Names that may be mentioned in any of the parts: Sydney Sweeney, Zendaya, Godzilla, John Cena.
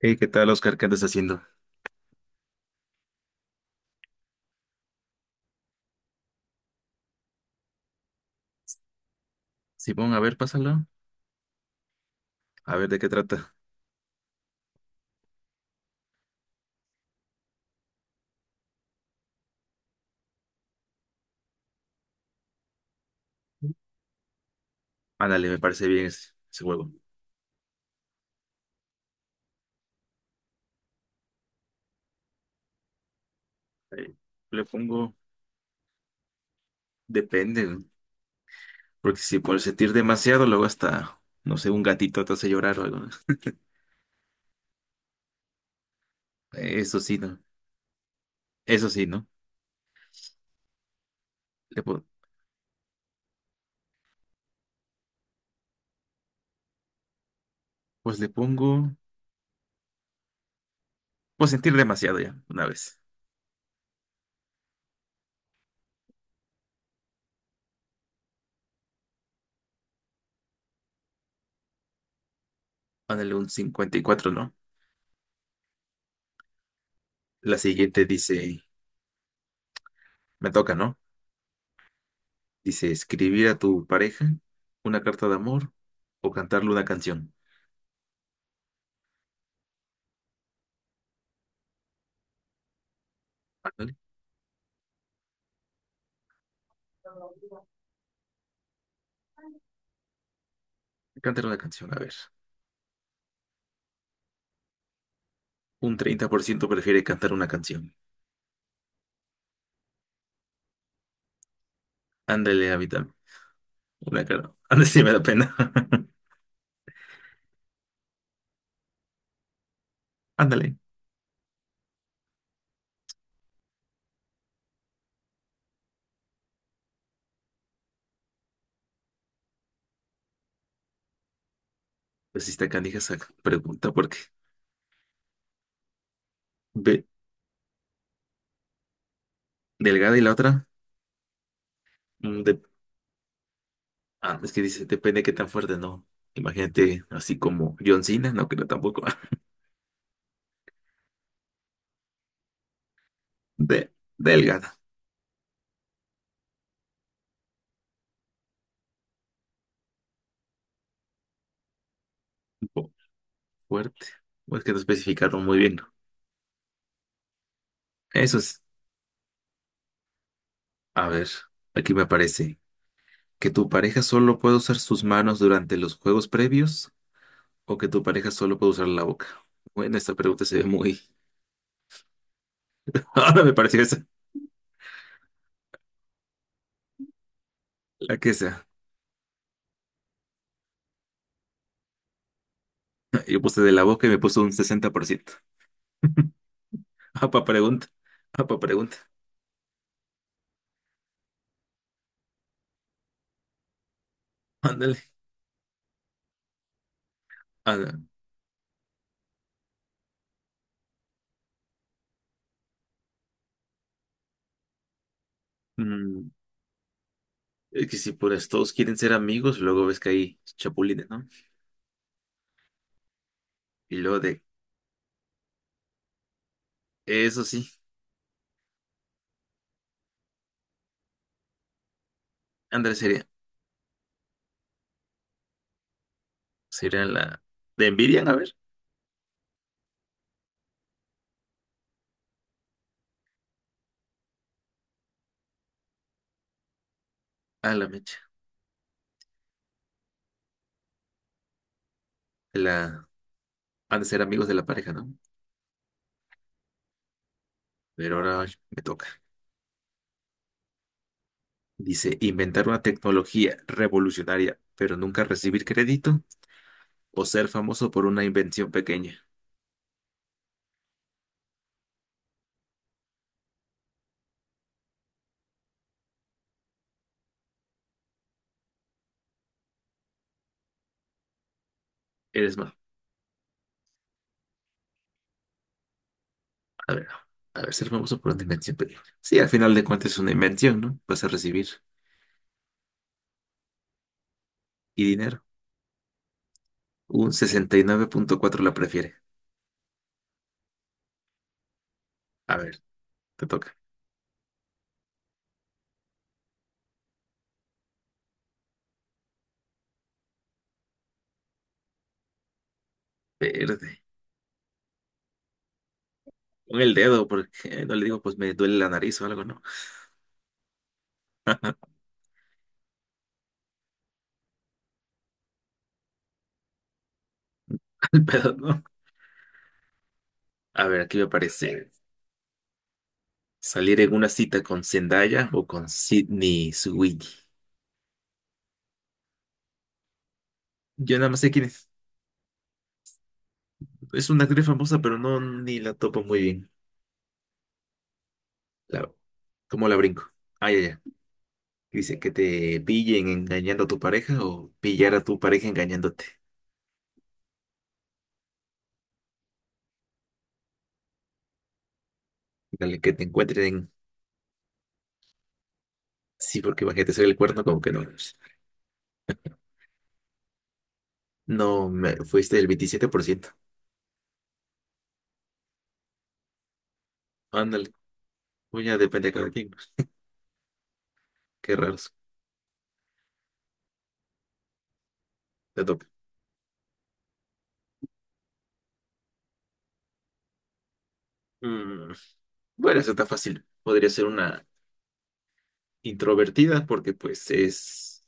Hey, ¿qué tal, Oscar? ¿Qué andas haciendo? Simón, a ver, pásalo. A ver de qué trata. Ándale, me parece bien ese juego. Ahí le pongo, depende, ¿no? Porque si por sentir demasiado, luego hasta, no sé, un gatito te hace llorar o algo, ¿no? Eso sí, ¿no? Eso sí, ¿no? Le pon- pues le pongo, pues sentir demasiado ya, una vez. Ándale, un 54, ¿no? La siguiente dice, me toca, ¿no? Dice, escribir a tu pareja una carta de amor o cantarle una canción. Ándale. Cantar una canción, a ver. Un 30% prefiere cantar una canción. Ándale, Avital. Una cara. Ándale, sí me da pena. Ándale. Pues sí está canija esa pregunta porque ve delgada y la otra. mm, de- ah, es que dice, depende de qué tan fuerte, ¿no? Imagínate así como John Cena, no creo tampoco. De, delgada. Un poco fuerte. O es que no especificaron muy bien. Eso es. A ver, aquí me aparece. ¿Que tu pareja solo puede usar sus manos durante los juegos previos o que tu pareja solo puede usar la boca? Bueno, esta pregunta se ve muy... Ahora me pareció esa, la que sea. Yo puse de la boca y me puso un 60%. Apa pregunta, apa pregunta. Ándale. Ah, mm, es que si pues todos quieren ser amigos, luego ves que hay chapulines, ¿no? Y luego de... Eso sí, ándale, sería la... ¿te envidian? A ver. A la mecha. La... Han de ser amigos de la pareja, ¿no? Pero ahora me toca. Dice, inventar una tecnología revolucionaria, pero nunca recibir crédito o ser famoso por una invención pequeña. Eres más, a ver, a ver, ser famoso por una invención pequeña. Sí, al final de cuentas es una invención, ¿no? Vas a recibir y dinero. Un 69.4 la prefiere. A ver, te toca. Verde. Con el dedo, porque no le digo, pues me duele la nariz o algo, ¿no? Al pedo, ¿no? A ver, aquí me aparece. Salir en una cita con Zendaya o con Sydney Sweeney. Yo nada más sé quién es. Es una actriz famosa, pero no ni la topo muy bien. La- ¿Cómo la brinco? Ay, ay, ay. Dice que te pillen engañando a tu pareja o pillar a tu pareja engañándote. Dale, que te encuentren. Sí, porque imagínate, soy el cuerno, como que no. No, me, fuiste el 27%. Ándale, pues ya depende de cada quien, pues. Qué raros. Te toca. Mm, bueno, eso está fácil. Podría ser una introvertida porque pues es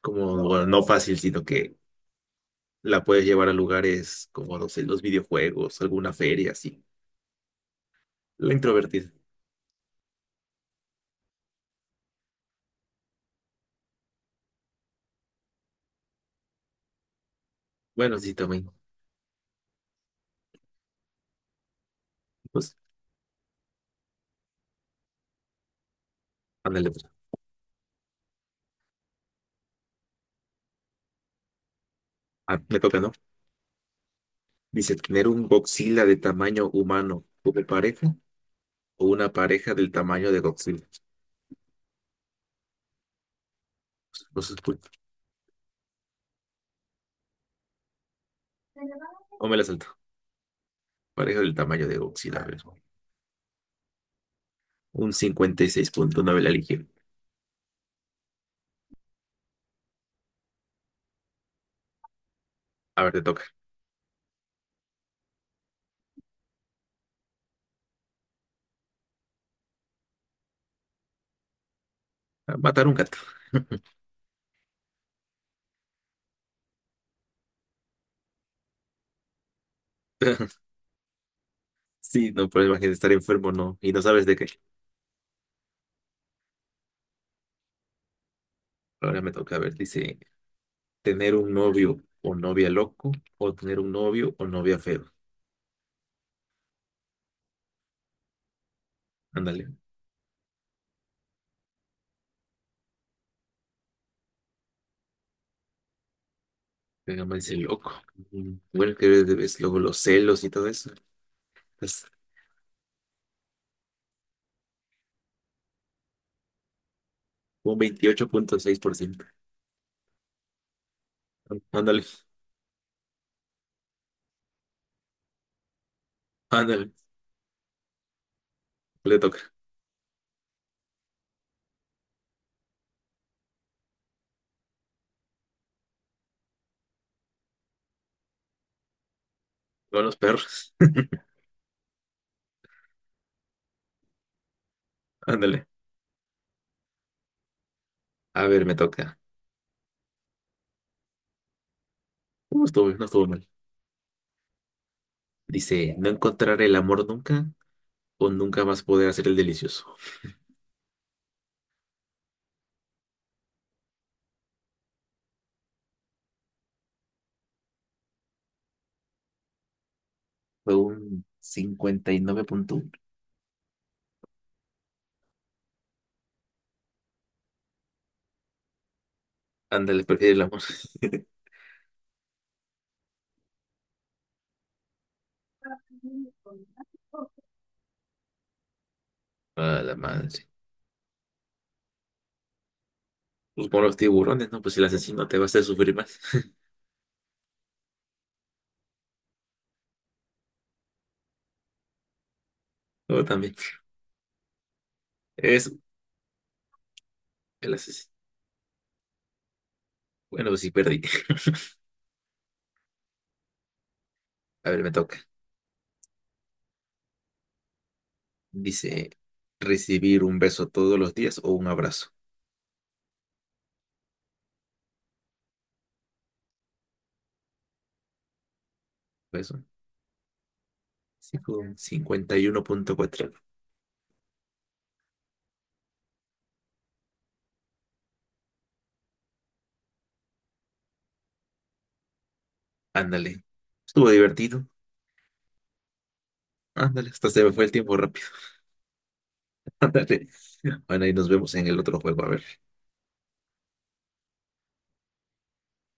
como, bueno, no fácil, sino que la puedes llevar a lugares como, no sé, los videojuegos, alguna feria, así. La introvertida. Bueno, sí, también. Pues, ándale, pues. Ah, me toca, ¿no? Dice, tener un Godzilla de tamaño humano como pareja o una pareja del tamaño de Godzilla. No sé, pues, no me la salto. Pareja del tamaño de Godzilla, a ver. Un 56.9 la eligió. A ver, te toca. Matar un gato. Sí, no, pero imagínate estar enfermo, no. Y no sabes de qué. Ahora me toca, a ver, dice, tener un novio o novia loco o tener un novio o novia feo. Ándale. Venga, me dice loco. Mm, bueno, que ves luego los celos y todo eso. Pues, un 28.6%. Ándale, ándale, le toca. Con los perros. Ándale. A ver, me toca. No estuvo mal. Dice, no encontrar el amor nunca o nunca vas a poder hacer el delicioso. Fue un 59.1. Ándale, prefiere el amor. A la madre, sí. Pues con los tiburones, ¿no? Pues el asesino te va a hacer sufrir más. Yo también. Es el asesino. Bueno, pues sí, perdí. A ver, me toca. Dice, recibir un beso todos los días o un abrazo. Beso. Sí, fue un 51.4. Ándale. Estuvo divertido. Ándale, hasta se me fue el tiempo rápido. Ándale. Bueno, y nos vemos en el otro juego, a ver.